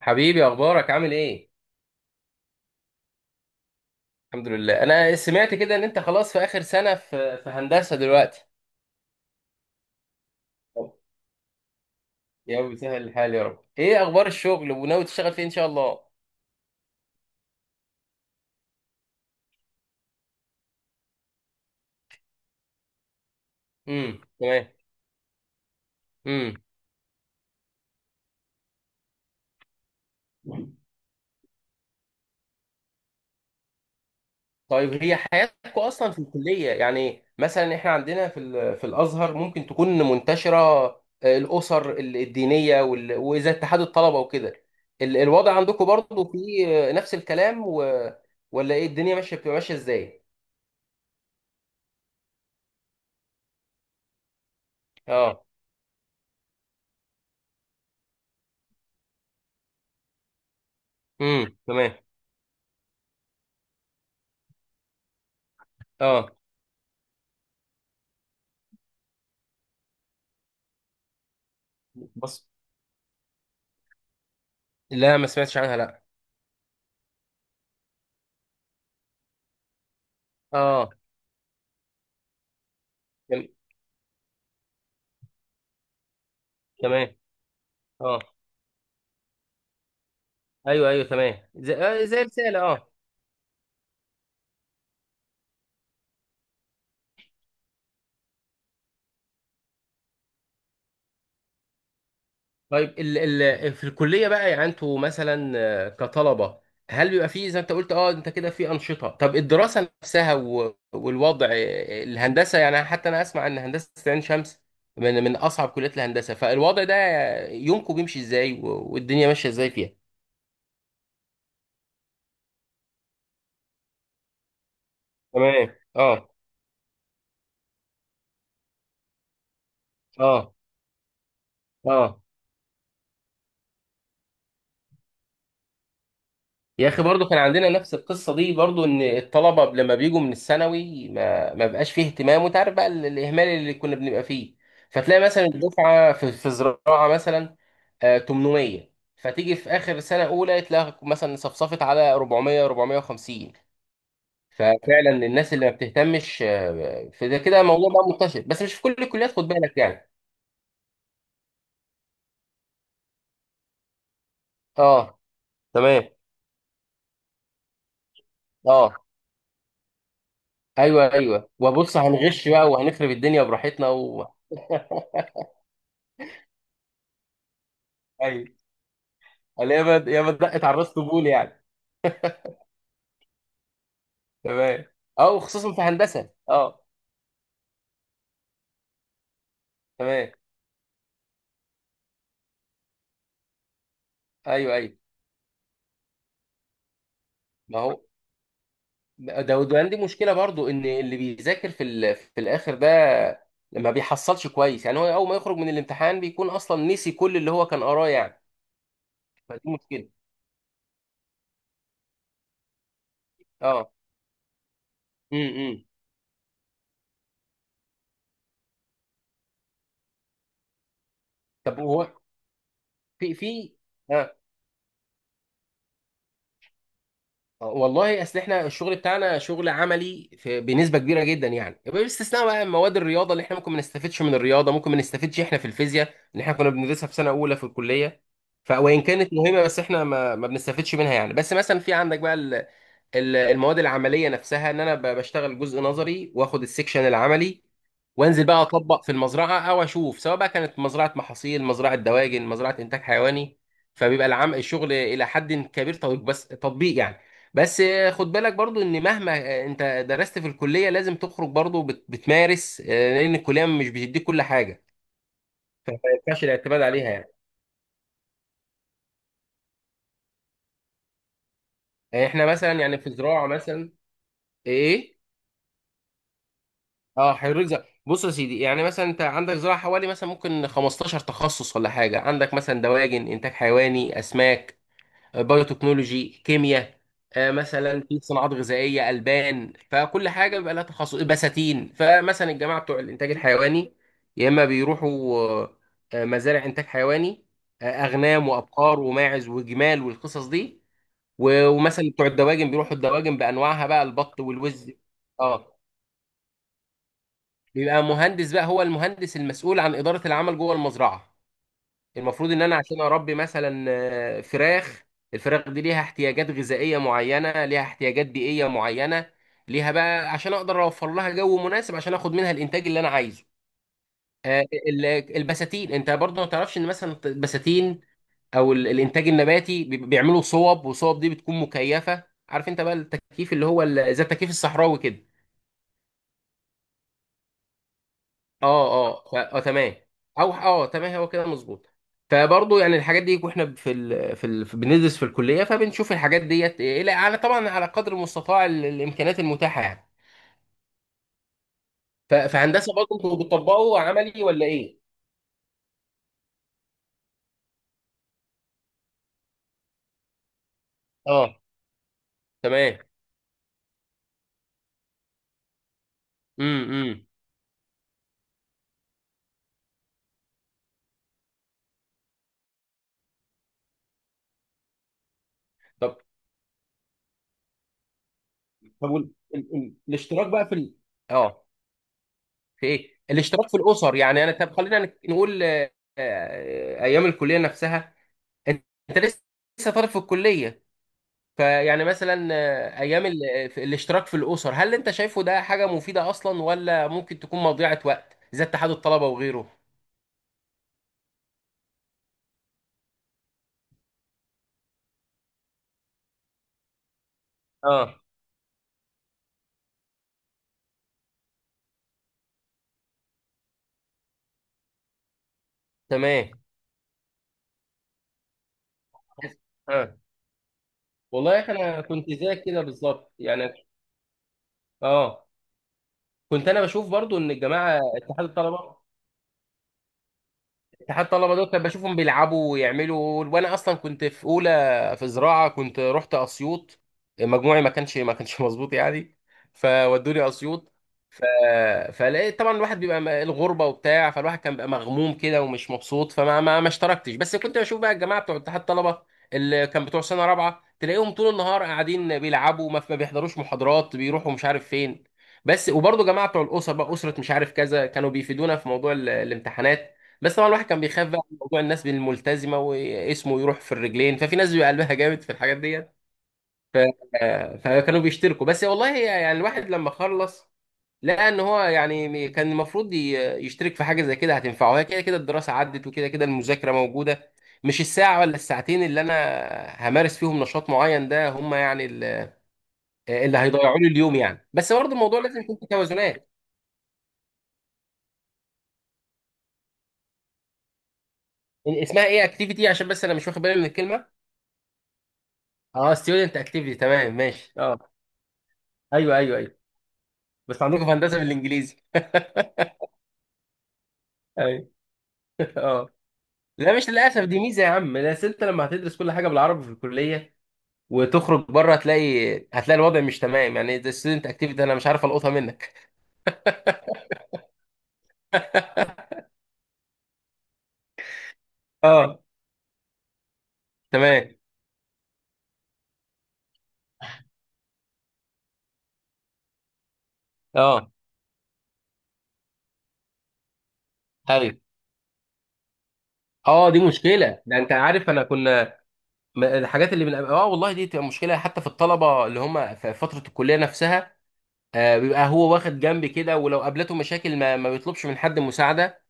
حبيبي، اخبارك؟ عامل ايه؟ الحمد لله. انا سمعت كده ان انت خلاص في اخر سنه في هندسه دلوقتي. طب، يا رب يسهل الحال يا رب. ايه اخبار الشغل؟ وناوي تشتغل فين ان شاء الله؟ تمام. امم. طيب، هي حياتكم اصلا في الكليه يعني، مثلا احنا عندنا في الازهر ممكن تكون منتشره الاسر الدينيه واذا اتحاد الطلبه وكده. الوضع عندكم برضو في نفس الكلام و... ولا ايه؟ الدنيا ماشيه، بتبقى ماشيه ازاي؟ اه. تمام. اه. بص. لا، ما سمعتش عنها، لا. اه. تم- تمام. اه. ايوه، ايوه، تمام زي، زي رساله. اه. طيب، ال في الكليه بقى، يعني انتوا مثلا كطلبه، هل بيبقى فيه زي ما انت قلت؟ اه، انت كده في انشطه. طب الدراسه نفسها والوضع الهندسه، يعني حتى انا اسمع ان هندسه عين شمس من اصعب كليات الهندسه، فالوضع ده، يومكم بيمشي ازاي والدنيا ماشيه ازاي فيها؟ تمام. اه. اه. اه. يا اخي برضو كان عندنا نفس القصه دي برضو، ان الطلبه لما بيجوا من الثانوي ما بقاش فيه اهتمام، وانت عارف بقى الاهمال اللي كنا بنبقى فيه. فتلاقي مثلا الدفعه في زراعه مثلا 800، فتيجي في اخر سنه اولى تلاقي مثلا صفصفت على 400، 450. ففعلا الناس اللي ما بتهتمش فده كده موضوع بقى منتشر، بس مش في كل الكليات، خد بالك يعني. اه. تمام. اه. ايوه، ايوه. وبص، هنغش بقى وهنخرب الدنيا براحتنا و... اليابا يابا دقت على الراس طبول يعني. تمام. اه، وخصوصا في هندسه. اه. تمام. ايوه، ايوه. ما هو ده وده عندي مشكله برضو، ان اللي بيذاكر في الاخر ده ما بيحصلش كويس يعني. هو اول ما يخرج من الامتحان بيكون اصلا نسي كل اللي هو كان قراه يعني. فدي مشكله. اه. امم. إمم. طب هو في اه والله اصل احنا الشغل بتاعنا شغل عملي في بنسبه كبيره جدا يعني، باستثناء بقى مواد الرياضه اللي احنا ممكن ما نستفدش من الرياضه، ممكن ما نستفدش احنا في الفيزياء اللي احنا كنا بندرسها في سنه اولى في الكليه. ف وان كانت مهمه، بس احنا ما بنستفدش منها يعني. بس مثلا في عندك بقى المواد العمليه نفسها، ان انا بشتغل جزء نظري واخد السكشن العملي، وانزل بقى اطبق في المزرعه او اشوف، سواء بقى كانت مزرعه محاصيل، مزرعه دواجن، مزرعه انتاج حيواني. فبيبقى العم الشغل الى حد كبير تطبيق، بس تطبيق يعني. بس خد بالك برضو ان مهما انت درست في الكليه، لازم تخرج برضو بتمارس، لان الكليه مش بتديك كل حاجه. فما ينفعش الاعتماد عليها يعني. يعني احنا مثلا يعني في زراعه مثلا، ايه؟ اه، حريق زراعي. بص يا سيدي، يعني مثلا انت عندك زراعه حوالي مثلا ممكن 15 تخصص ولا حاجه. عندك مثلا دواجن، انتاج حيواني، اسماك، بايوتكنولوجي، كيمياء، مثلا في صناعات غذائيه، البان. فكل حاجه بيبقى لها تخصص، بساتين. فمثلا الجماعه بتوع الانتاج الحيواني، يا اما بيروحوا آه، مزارع انتاج حيواني، اغنام وابقار وماعز وجمال والقصص دي. ومثلا بتوع الدواجن بيروحوا الدواجن بانواعها بقى، البط والوز. اه. بيبقى مهندس بقى، هو المهندس المسؤول عن إدارة العمل جوه المزرعة. المفروض ان انا عشان اربي مثلا فراخ، الفراخ دي ليها احتياجات غذائية معينة، ليها احتياجات بيئية معينة، ليها بقى، عشان اقدر اوفر لها جو مناسب عشان اخد منها الانتاج اللي انا عايزه. آه، ال- البساتين، انت برضه ما تعرفش ان مثلا البساتين او الانتاج النباتي بيعملوا صوب، والصوب دي بتكون مكيفة. عارف انت بقى التكييف، اللي هو زي التكييف الصحراوي كده. اه، اه. اه، تمام. او اه، تمام، هو كده مظبوط. فبرضه يعني الحاجات دي، واحنا بندرس في الكليه، فبنشوف الحاجات ديت الى على، طبعا على قدر المستطاع الامكانيات المتاحه يعني. فهندسه برضه، انتوا بتطبقوا عملي ولا ايه؟ اه، تمام. امم، امم. طب، طب الاشتراك بقى في ال... اه، في ايه؟ الاشتراك في الاسر، يعني انا، طب خلينا نقول ايام الكليه نفسها، انت لسه طالب في الكليه. فيعني مثلا ايام الاشتراك في الاسر، هل انت شايفه ده حاجه مفيده اصلا ولا ممكن تكون مضيعه وقت زي اتحاد الطلبه وغيره؟ اه. تمام. اه. والله يا اخي، انا كنت زيك كده بالظبط يعني. اه. كنت انا بشوف برضو ان الجماعه اتحاد الطلبه، اتحاد الطلبه دول كنت بشوفهم بيلعبوا ويعملوا، وانا اصلا كنت في اولى، في زراعه، كنت رحت اسيوط. مجموعي ما كانش مظبوط يعني، فودوني اسيوط. ف... فلقيت طبعا الواحد بيبقى الغربه وبتاع، فالواحد كان بيبقى مغموم كده ومش مبسوط، فما ما, ما اشتركتش. بس كنت بشوف بقى الجماعه بتوع اتحاد الطلبه اللي كان بتوع سنه رابعه، تلاقيهم طول النهار قاعدين بيلعبوا، ما بيحضروش محاضرات، بيروحوا مش عارف فين. بس وبرضه جماعه بتوع الاسر بقى، اسره مش عارف كذا، كانوا بيفيدونا في موضوع الامتحانات. بس طبعا الواحد كان بيخاف بقى من موضوع الناس الملتزمه، واسمه يروح في الرجلين، ففي ناس بيبقى قلبها جامد في الحاجات ديت. ف... فكانوا بيشتركوا. بس والله هي يعني، الواحد لما خلص، لقى ان هو يعني كان المفروض يشترك في حاجه زي كده، هتنفعه. هي كده كده الدراسه عدت، وكده كده المذاكره موجوده، مش الساعه ولا الساعتين اللي انا همارس فيهم نشاط معين، ده هم يعني اللي هيضيعوا لي اليوم يعني. بس برضه الموضوع لازم يكون في توازنات. اسمها ايه اكتيفيتي؟ عشان بس انا مش واخد بالي من الكلمه. اه، ستودنت اكتيفيتي، تمام، ماشي. اه. ايوه، ايوه، ايوه. بس عندكم في هندسه بالانجليزي؟ ايوه. اه. لا، مش للاسف، دي ميزه يا عم. بس انت لما هتدرس كل حاجه بالعربي في الكليه، وتخرج بره، هتلاقي الوضع مش تمام يعني. ده ستودنت اكتيفيتي انا مش عارف القطها منك. اه، تمام. اه. ايوه. اه، دي مشكله. ده انت عارف، انا كنا الحاجات اللي من والله دي تبقى مشكله، حتى في الطلبه اللي هم في فتره الكليه نفسها. بيبقى هو واخد جنب كده، ولو قابلته مشاكل ما بيطلبش من حد مساعده.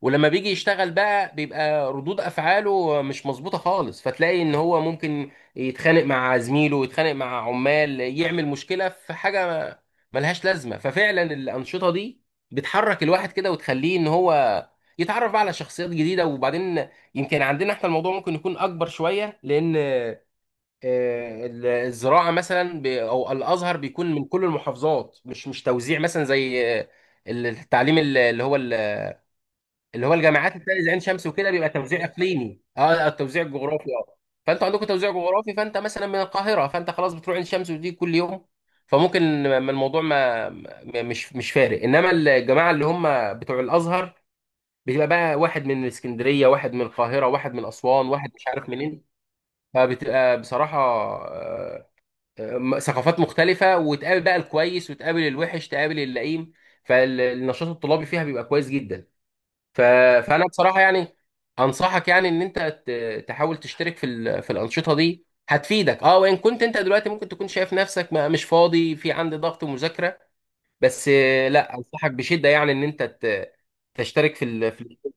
ولما بيجي يشتغل بقى، بيبقى ردود افعاله مش مظبوطه خالص، فتلاقي ان هو ممكن يتخانق مع زميله، يتخانق مع عمال، يعمل مشكله في حاجه ملهاش لازمه. ففعلا الانشطه دي بتحرك الواحد كده، وتخليه ان هو يتعرف بقى على شخصيات جديده. وبعدين، يمكن عندنا احنا الموضوع ممكن يكون اكبر شويه، لان الزراعه مثلا او الازهر، بيكون من كل المحافظات، مش توزيع مثلا زي التعليم، اللي هو، اللي هو الجامعات التانية زي عين شمس وكده، بيبقى توزيع اقليمي، اه، التوزيع الجغرافي، اه. فانتوا عندكم توزيع جغرافي، فانت مثلا من القاهره، فانت خلاص بتروح عين شمس وتيجي كل يوم. فممكن الموضوع ما م- مش فارق. انما الجماعه اللي هم بتوع الازهر، بتبقى بقى واحد من اسكندريه، واحد من القاهره، واحد من اسوان، واحد مش عارف منين. فبتبقى بصراحه آه، ثقافات مختلفه، وتقابل بقى الكويس، وتقابل الوحش، تقابل اللئيم. فالنشاط الطلابي فيها بيبقى كويس جدا. ف... فانا بصراحه يعني انصحك يعني ان انت تحاول تشترك في الانشطه دي، هتفيدك. اه، وان كنت انت دلوقتي ممكن تكون شايف نفسك ما مش فاضي، في عندي ضغط ومذاكره، بس لا، انصحك بشده يعني ان انت تشترك في ال... في